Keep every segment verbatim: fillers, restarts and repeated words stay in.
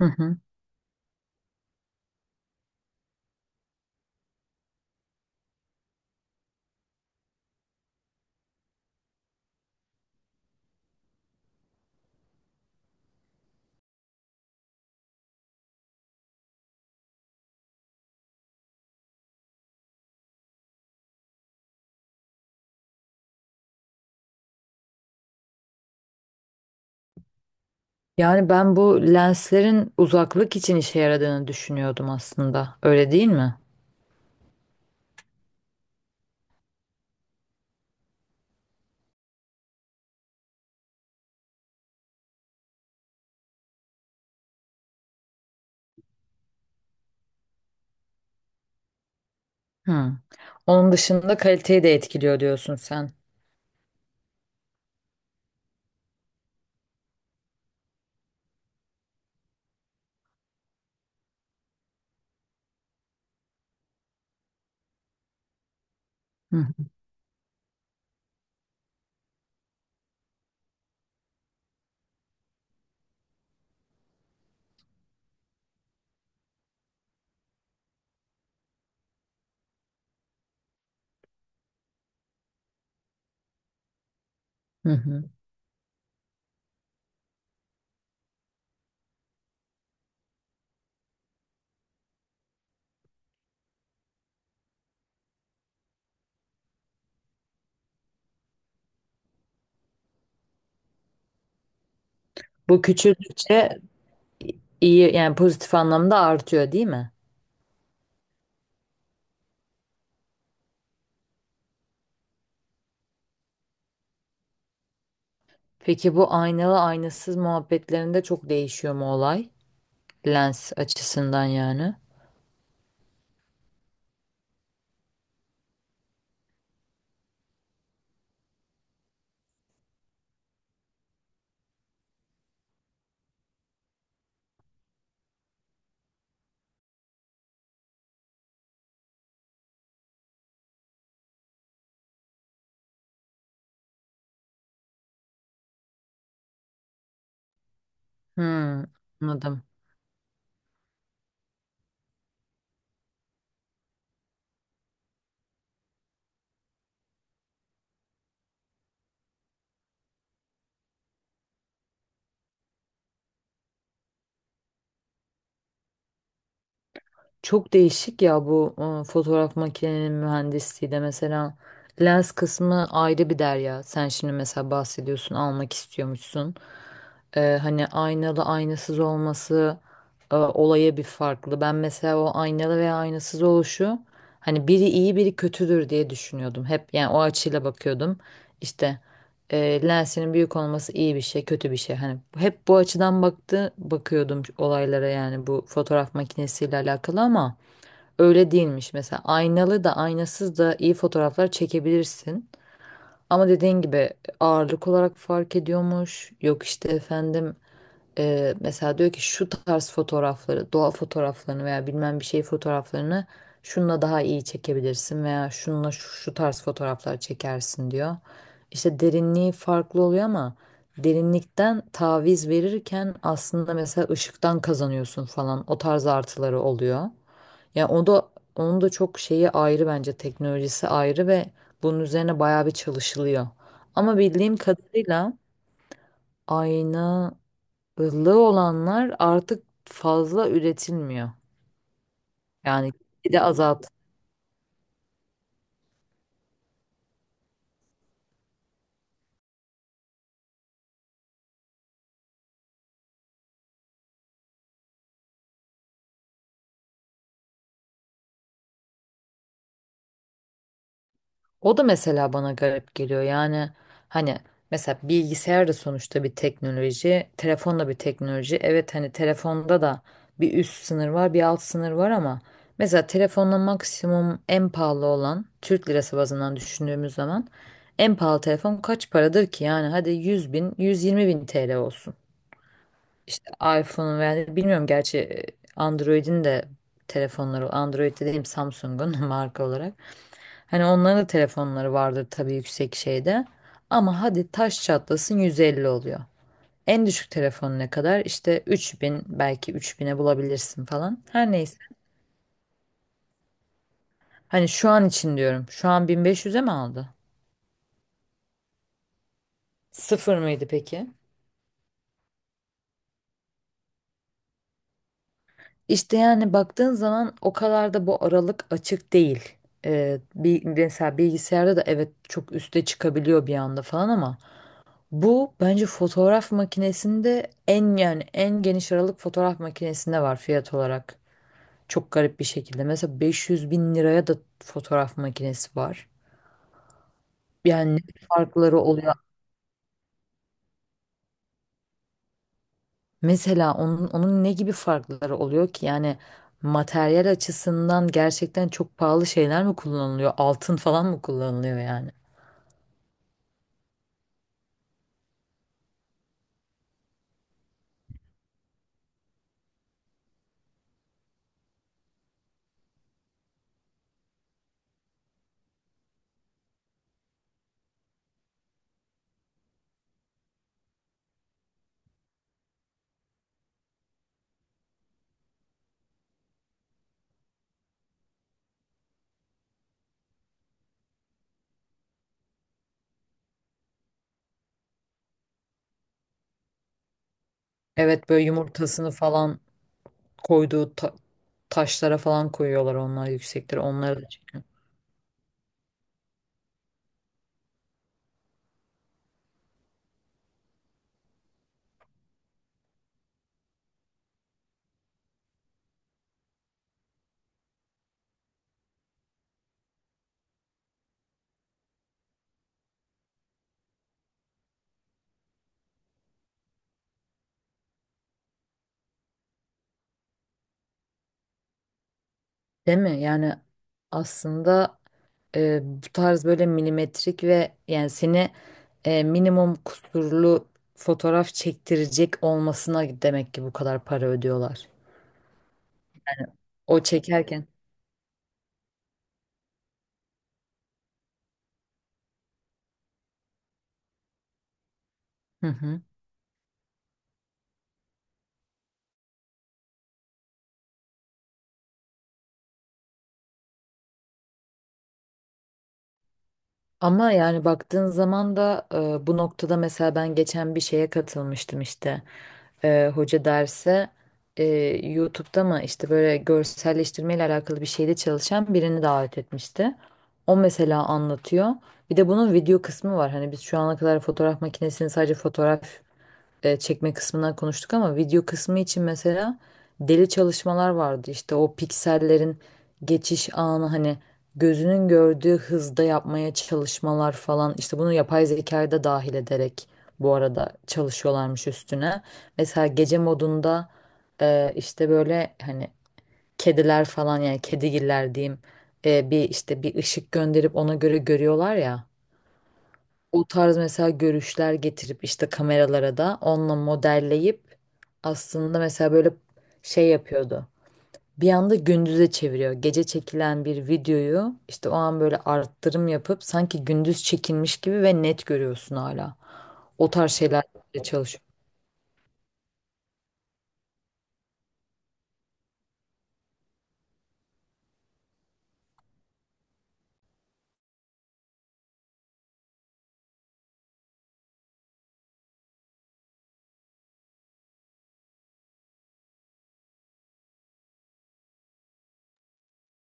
Hı hı. Yani ben bu lenslerin uzaklık için işe yaradığını düşünüyordum aslında. Öyle değil mi? Hı. Onun dışında kaliteyi de etkiliyor diyorsun sen. Hı hı. Hı. Bu küçüldükçe iyi yani pozitif anlamda artıyor değil mi? Peki bu aynalı aynasız muhabbetlerinde çok değişiyor mu olay? Lens açısından yani. Hı, anladım. Çok değişik ya bu e, fotoğraf makinenin mühendisliği de mesela lens kısmı ayrı bir derya. Sen şimdi mesela bahsediyorsun almak istiyormuşsun. E, hani aynalı aynasız olması e, olaya bir farklı. Ben mesela o aynalı veya aynasız oluşu hani biri iyi biri kötüdür diye düşünüyordum. Hep yani o açıyla bakıyordum. İşte e, lensinin büyük olması iyi bir şey, kötü bir şey. Hani hep bu açıdan baktı bakıyordum olaylara yani bu fotoğraf makinesiyle alakalı ama öyle değilmiş. Mesela aynalı da aynasız da iyi fotoğraflar çekebilirsin. Ama dediğin gibi ağırlık olarak fark ediyormuş. Yok işte efendim, e, mesela diyor ki şu tarz fotoğrafları, doğa fotoğraflarını veya bilmem bir şey fotoğraflarını şununla daha iyi çekebilirsin veya şununla şu, şu tarz fotoğraflar çekersin diyor. İşte derinliği farklı oluyor ama derinlikten taviz verirken aslında mesela ışıktan kazanıyorsun falan, o tarz artıları oluyor. Ya o da, onun da çok şeyi ayrı bence, teknolojisi ayrı ve bunun üzerine bayağı bir çalışılıyor. Ama bildiğim kadarıyla aynalı olanlar artık fazla üretilmiyor. Yani bir de azalt. O da mesela bana garip geliyor. Yani hani mesela bilgisayar da sonuçta bir teknoloji, telefon da bir teknoloji. Evet, hani telefonda da bir üst sınır var, bir alt sınır var ama mesela telefonla maksimum, en pahalı olan, Türk lirası bazından düşündüğümüz zaman en pahalı telefon kaç paradır ki? Yani hadi yüz bin, yüz yirmi bin T L olsun. İşte iPhone veya bilmiyorum gerçi, e, Android'in de telefonları, Android dediğim Samsung'un marka olarak. Hani onların da telefonları vardır tabii yüksek şeyde. Ama hadi taş çatlasın yüz elli oluyor. En düşük telefon ne kadar? İşte üç bin, belki üç bine bulabilirsin falan. Her neyse. Hani şu an için diyorum. Şu an bin beş yüze mi aldı? Sıfır mıydı peki? İşte yani baktığın zaman o kadar da bu aralık açık değil. Ee, bir, mesela bilgisayarda da evet çok üste çıkabiliyor bir anda falan ama bu bence fotoğraf makinesinde, en yani en geniş aralık fotoğraf makinesinde var fiyat olarak. Çok garip bir şekilde. Mesela beş yüz bin liraya da fotoğraf makinesi var. Yani ne farkları oluyor? Mesela onun, onun ne gibi farkları oluyor ki? Yani materyal açısından gerçekten çok pahalı şeyler mi kullanılıyor? Altın falan mı kullanılıyor yani? Evet, böyle yumurtasını falan koyduğu ta- taşlara falan koyuyorlar, onlar yüksektir. Onları da değil mi? Yani aslında e, bu tarz böyle milimetrik ve yani seni e, minimum kusurlu fotoğraf çektirecek olmasına demek ki bu kadar para ödüyorlar. O çekerken. Hı hı. Ama yani baktığın zaman da e, bu noktada mesela ben geçen bir şeye katılmıştım işte. E, hoca derse e, YouTube'da mı işte, böyle görselleştirme ile alakalı bir şeyde çalışan birini davet etmişti. O mesela anlatıyor. Bir de bunun video kısmı var. Hani biz şu ana kadar fotoğraf makinesini sadece fotoğraf e, çekme kısmından konuştuk ama video kısmı için mesela deli çalışmalar vardı. İşte o piksellerin geçiş anı hani gözünün gördüğü hızda yapmaya çalışmalar falan. İşte bunu yapay zekayı da dahil ederek bu arada çalışıyorlarmış üstüne. Mesela gece modunda e, işte böyle hani kediler falan, yani kedigiller diyeyim, e, bir işte bir ışık gönderip ona göre görüyorlar ya, o tarz mesela görüşler getirip işte kameralara da onunla modelleyip aslında mesela böyle şey yapıyordu. Bir anda gündüze çeviriyor. Gece çekilen bir videoyu işte o an böyle arttırım yapıp sanki gündüz çekilmiş gibi ve net görüyorsun hala. O tarz şeylerle çalışıyor.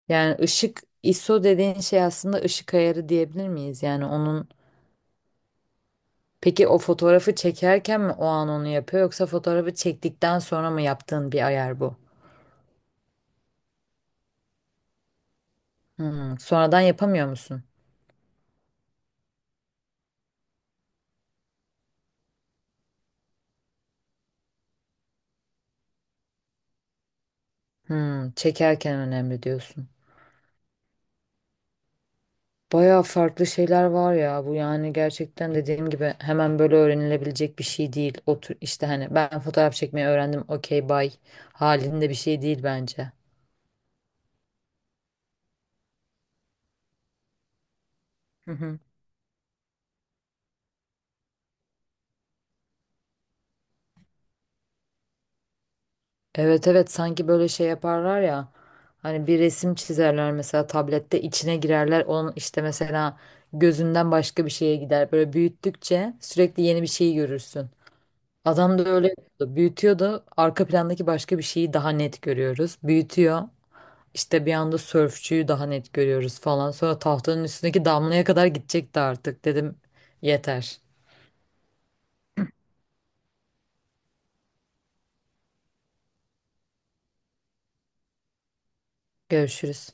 Yani ışık, ISO dediğin şey aslında ışık ayarı diyebilir miyiz? Yani onun, peki o fotoğrafı çekerken mi o an onu yapıyor yoksa fotoğrafı çektikten sonra mı yaptığın bir ayar bu? Hmm, sonradan yapamıyor musun? Hmm, çekerken önemli diyorsun. Bayağı farklı şeyler var ya bu, yani gerçekten dediğim gibi hemen böyle öğrenilebilecek bir şey değil. Otur işte hani ben fotoğraf çekmeyi öğrendim okey bay halinde bir şey değil bence. Hı hı. Evet, evet, sanki böyle şey yaparlar ya hani bir resim çizerler mesela, tablette içine girerler onun, işte mesela gözünden başka bir şeye gider. Böyle büyüttükçe sürekli yeni bir şey görürsün. Adam da öyle yapıyordu. Büyütüyor da arka plandaki başka bir şeyi daha net görüyoruz. Büyütüyor. İşte bir anda sörfçüyü daha net görüyoruz falan. Sonra tahtanın üstündeki damlaya kadar gidecekti artık. Dedim yeter. Görüşürüz.